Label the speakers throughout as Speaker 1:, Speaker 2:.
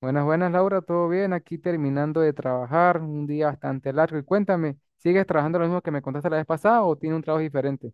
Speaker 1: Buenas, buenas, Laura, ¿todo bien? Aquí terminando de trabajar, un día bastante largo. Y cuéntame, ¿sigues trabajando lo mismo que me contaste la vez pasada o tiene un trabajo diferente?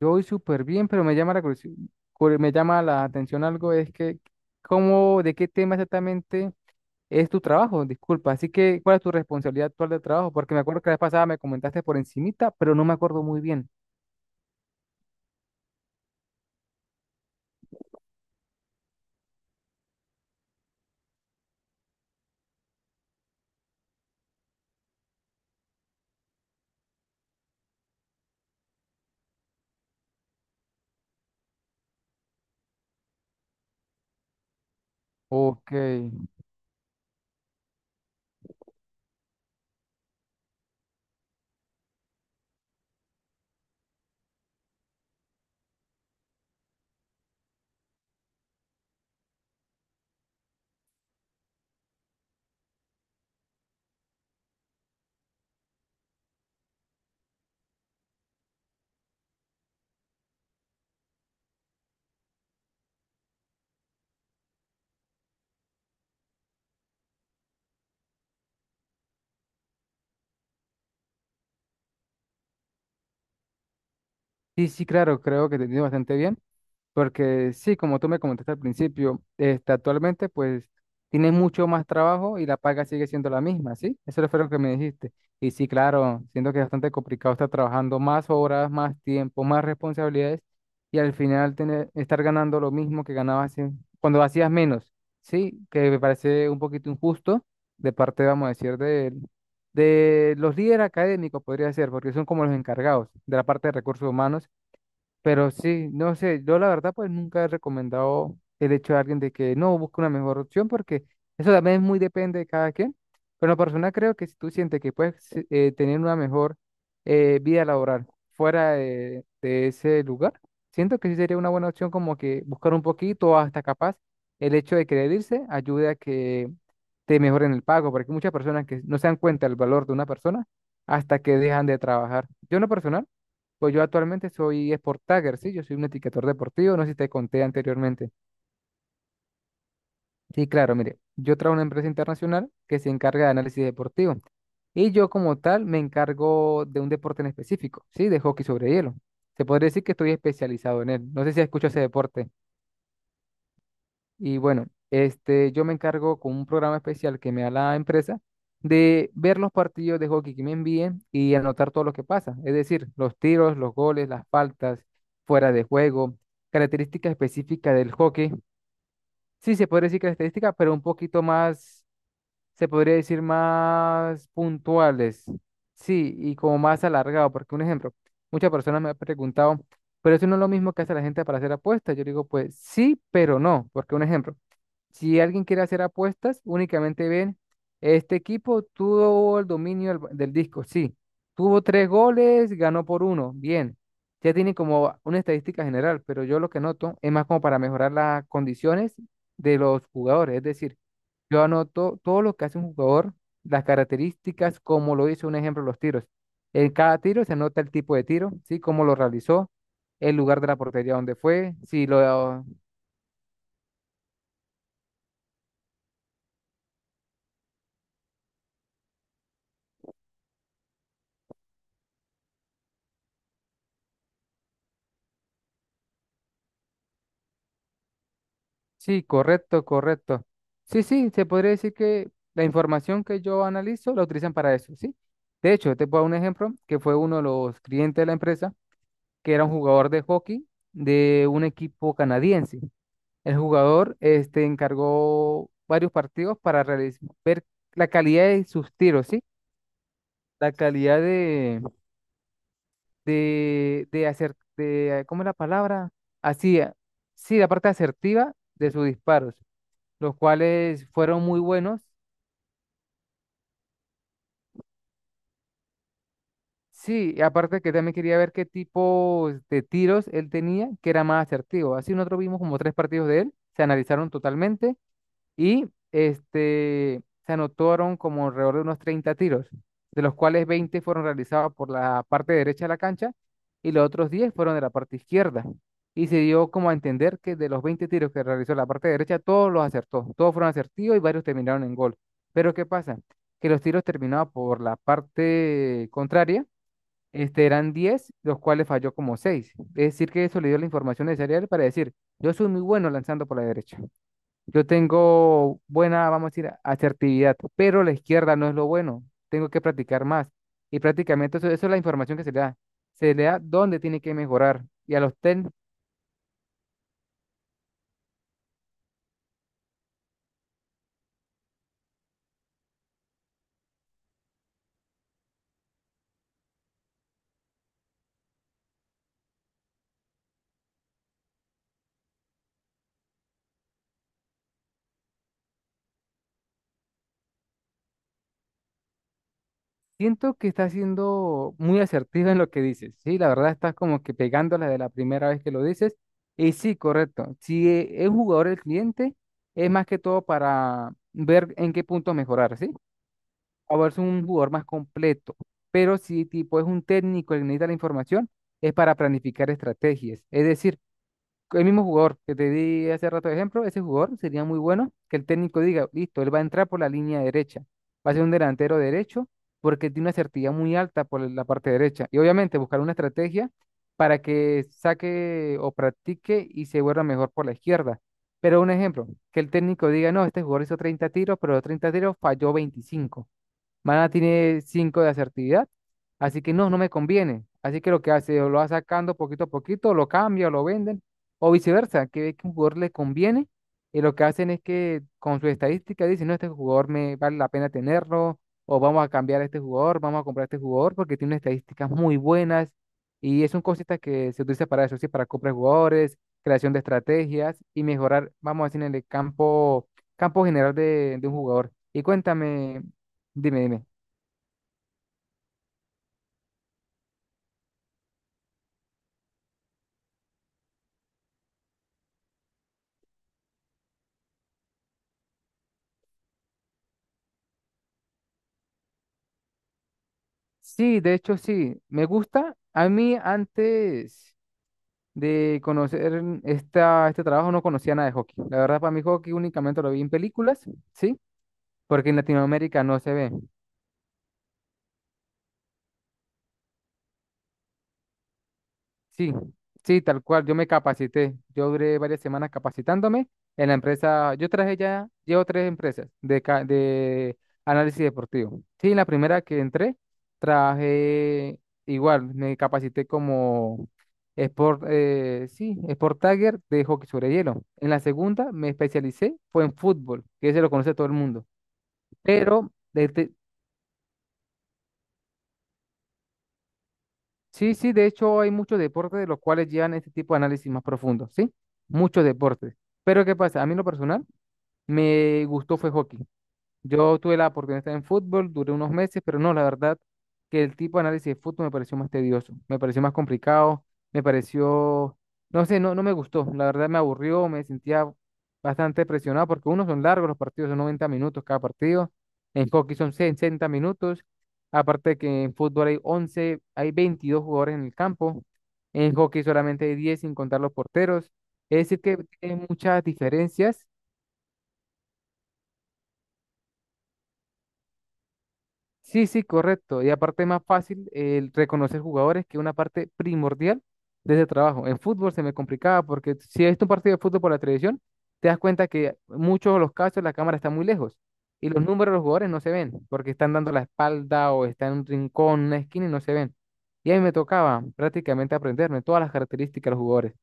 Speaker 1: Yo voy súper bien, pero me llama la me llama la atención algo, es que, ¿cómo, de qué tema exactamente es tu trabajo? Disculpa, así que, ¿cuál es tu responsabilidad actual de trabajo? Porque me acuerdo que la vez pasada me comentaste por encimita, pero no me acuerdo muy bien. Ok, sí, sí, claro, creo que te entiendo bastante bien. Porque sí, como tú me comentaste al principio, actualmente pues tienes mucho más trabajo y la paga sigue siendo la misma, ¿sí? Eso fue lo que me dijiste. Y sí, claro, siento que es bastante complicado estar trabajando más horas, más tiempo, más responsabilidades y al final tener, estar ganando lo mismo que ganabas cuando hacías menos, ¿sí? Que me parece un poquito injusto de parte, vamos a decir, de los líderes académicos, podría ser, porque son como los encargados de la parte de recursos humanos. Pero sí, no sé, yo la verdad pues nunca he recomendado el hecho de alguien de que no busque una mejor opción porque eso también es muy depende de cada quien. Pero la persona creo que si tú sientes que puedes sí, tener una mejor vida laboral fuera de ese lugar, siento que sí sería una buena opción como que buscar un poquito hasta capaz el hecho de querer irse ayude a que te mejoren el pago porque hay muchas personas que no se dan cuenta del valor de una persona hasta que dejan de trabajar. Yo en lo personal. Pues yo actualmente soy Sport Tagger, sí, yo soy un etiquetador deportivo, no sé si te conté anteriormente. Sí, claro, mire, yo trabajo en una empresa internacional que se encarga de análisis deportivo y yo como tal me encargo de un deporte en específico, sí, de hockey sobre hielo. Se podría decir que estoy especializado en él. No sé si escuchas ese deporte. Y bueno, yo me encargo con un programa especial que me da la empresa de ver los partidos de hockey que me envíen y anotar todo lo que pasa. Es decir, los tiros, los goles, las faltas, fuera de juego, características específicas del hockey. Sí, se podría decir características, pero un poquito más, se podría decir más puntuales. Sí, y como más alargado, porque un ejemplo, muchas personas me han preguntado, pero eso no es lo mismo que hace la gente para hacer apuestas. Yo digo, pues sí, pero no, porque un ejemplo. Si alguien quiere hacer apuestas, únicamente ven, este equipo tuvo el dominio del, del disco, sí. Tuvo tres goles, ganó por uno, bien. Ya tiene como una estadística general, pero yo lo que noto es más como para mejorar las condiciones de los jugadores. Es decir, yo anoto todo lo que hace un jugador, las características, como lo hizo, un ejemplo, los tiros. En cada tiro se anota el tipo de tiro, sí, cómo lo realizó, el lugar de la portería donde fue, si lo sí, correcto, correcto. Sí, sí, se podría decir que la información que yo analizo la utilizan para eso, ¿sí? De hecho, te puedo dar un ejemplo que fue uno de los clientes de la empresa, que era un jugador de hockey de un equipo canadiense. El jugador este, encargó varios partidos para ver la calidad de sus tiros, ¿sí? La calidad de hacer, ¿cómo es la palabra? Así, sí, la parte asertiva de sus disparos, los cuales fueron muy buenos. Sí, y aparte que también quería ver qué tipo de tiros él tenía, que era más asertivo. Así nosotros vimos como tres partidos de él, se analizaron totalmente y se anotaron como alrededor de unos 30 tiros, de los cuales 20 fueron realizados por la parte derecha de la cancha y los otros 10 fueron de la parte izquierda. Y se dio como a entender que de los 20 tiros que realizó la parte derecha, todos los acertó, todos fueron acertidos y varios terminaron en gol. Pero ¿qué pasa? Que los tiros terminados por la parte contraria, eran 10 los cuales falló como seis. Es decir, que eso le dio la información necesaria a él para decir, yo soy muy bueno lanzando por la derecha. Yo tengo buena, vamos a decir, asertividad, pero la izquierda no es lo bueno. Tengo que practicar más. Y prácticamente eso, eso es la información que se le da. Se le da dónde tiene que mejorar. Y a los TEN, siento que está siendo muy asertivo en lo que dices. Sí, la verdad estás como que pegándola de la primera vez que lo dices. Y sí, correcto. Si es jugador el cliente, es más que todo para ver en qué punto mejorar, ¿sí? Ahora es un jugador más completo, pero si tipo es un técnico el que necesita la información, es para planificar estrategias. Es decir, el mismo jugador que te di hace rato de ejemplo, ese jugador sería muy bueno que el técnico diga, listo, él va a entrar por la línea derecha, va a ser un delantero derecho porque tiene una certidumbre muy alta por la parte derecha. Y obviamente buscar una estrategia para que saque o practique y se vuelva mejor por la izquierda. Pero un ejemplo, que el técnico diga, no, este jugador hizo 30 tiros, pero los 30 tiros falló 25. Mana tiene 5 de asertividad, así que no, no me conviene. Así que lo que hace, o lo va sacando poquito a poquito, lo cambia, o lo venden, o viceversa, que ve que un jugador le conviene, y lo que hacen es que con su estadística dicen, no, este jugador me vale la pena tenerlo, o vamos a cambiar a este jugador, vamos a comprar a este jugador, porque tiene unas estadísticas muy buenas, y son cositas que se utiliza para eso, sí, para comprar jugadores, creación de estrategias y mejorar, vamos a decir, en el campo, campo general de un jugador. Y cuéntame, dime, dime. Sí, de hecho sí, me gusta. A mí antes de conocer esta, este trabajo no conocía nada de hockey. La verdad, para mí hockey únicamente lo vi en películas, ¿sí? Porque en Latinoamérica no se ve. Sí, sí, tal cual. Yo me capacité. Yo duré varias semanas capacitándome en la empresa. Yo traje ya, llevo tres empresas de, de análisis deportivo. Sí, la primera que entré, traje igual, me capacité como sport, sí, sport tagger de hockey sobre hielo. En la segunda me especialicé, fue en fútbol, que ese lo conoce todo el mundo. Pero sí, sí, de hecho hay muchos deportes de los cuales llevan este tipo de análisis más profundo, ¿sí? Muchos deportes. Pero ¿qué pasa? A mí en lo personal me gustó fue hockey. Yo tuve la oportunidad de estar en fútbol, duré unos meses, pero no, la verdad que el tipo de análisis de fútbol me pareció más tedioso, me pareció más complicado, me pareció, no sé, no, no me gustó, la verdad me aburrió, me sentía bastante presionado porque uno son largos los partidos, son 90 minutos cada partido, en hockey son 60 minutos, aparte que en fútbol hay 11 hay 22 jugadores en el campo, en hockey solamente hay 10 sin contar los porteros, es decir que hay muchas diferencias. Sí, sí, correcto. Y aparte es más fácil el reconocer jugadores que una parte primordial de ese trabajo. En fútbol se me complicaba porque si he visto un partido de fútbol por la televisión, te das cuenta que muchos de los casos la cámara está muy lejos y los números de los jugadores no se ven porque están dando la espalda o están en un rincón, una esquina y no se ven. Y a mí me tocaba prácticamente aprenderme todas las características de los jugadores,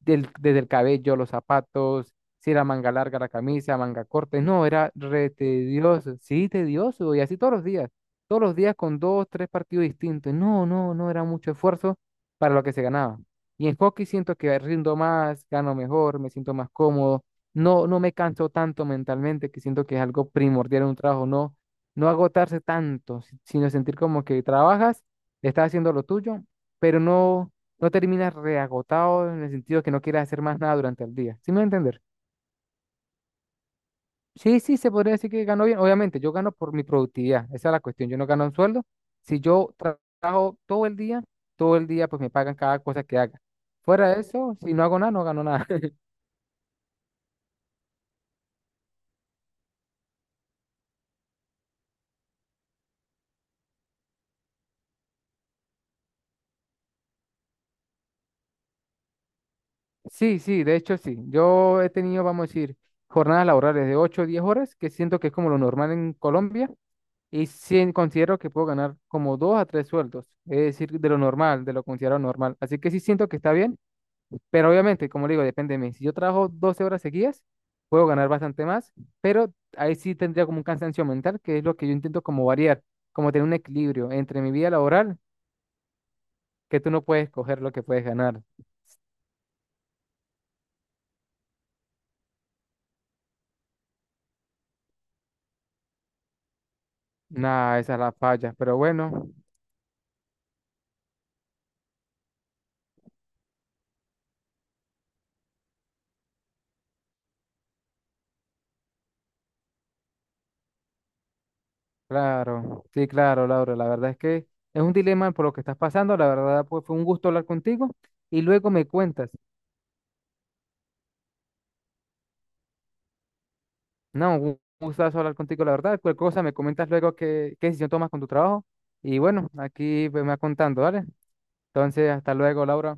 Speaker 1: desde el cabello, los zapatos, si era manga larga la camisa, manga corta. No, era re tedioso, sí, tedioso y así todos los días con dos, tres partidos distintos. No, no, no era mucho esfuerzo para lo que se ganaba. Y en hockey siento que rindo más, gano mejor, me siento más cómodo. No, no me canso tanto mentalmente, que siento que es algo primordial en un trabajo, no, no agotarse tanto, sino sentir como que trabajas, estás haciendo lo tuyo, pero no, no terminas reagotado en el sentido que no quieras hacer más nada durante el día. ¿Sí me voy sí, sí, se podría decir que gano bien. Obviamente, yo gano por mi productividad. Esa es la cuestión. Yo no gano un sueldo. Si yo trabajo todo el día, pues me pagan cada cosa que haga. Fuera de eso, si no hago nada, no gano nada. Sí, sí, de hecho sí. Yo he tenido, vamos a decir, jornadas laborales de 8, o 10 horas, que siento que es como lo normal en Colombia, y sí considero que puedo ganar como 2 a 3 sueldos, es decir, de lo normal, de lo considerado normal. Así que sí siento que está bien. Pero obviamente, como le digo, depende de mí. Si yo trabajo 12 horas seguidas, puedo ganar bastante más, pero ahí sí tendría como un cansancio mental, que es lo que yo intento como variar, como tener un equilibrio entre mi vida laboral, que tú no puedes coger lo que puedes ganar. Nada, esa es la falla. Pero bueno, claro, sí, claro, Laura, la verdad es que es un dilema por lo que estás pasando. La verdad, pues fue un gusto hablar contigo y luego me cuentas. No, un gustazo hablar contigo, la verdad. Cualquier cosa me comentas luego qué, qué decisión tomas con tu trabajo. Y bueno, aquí pues, me vas contando, ¿vale? Entonces, hasta luego, Laura.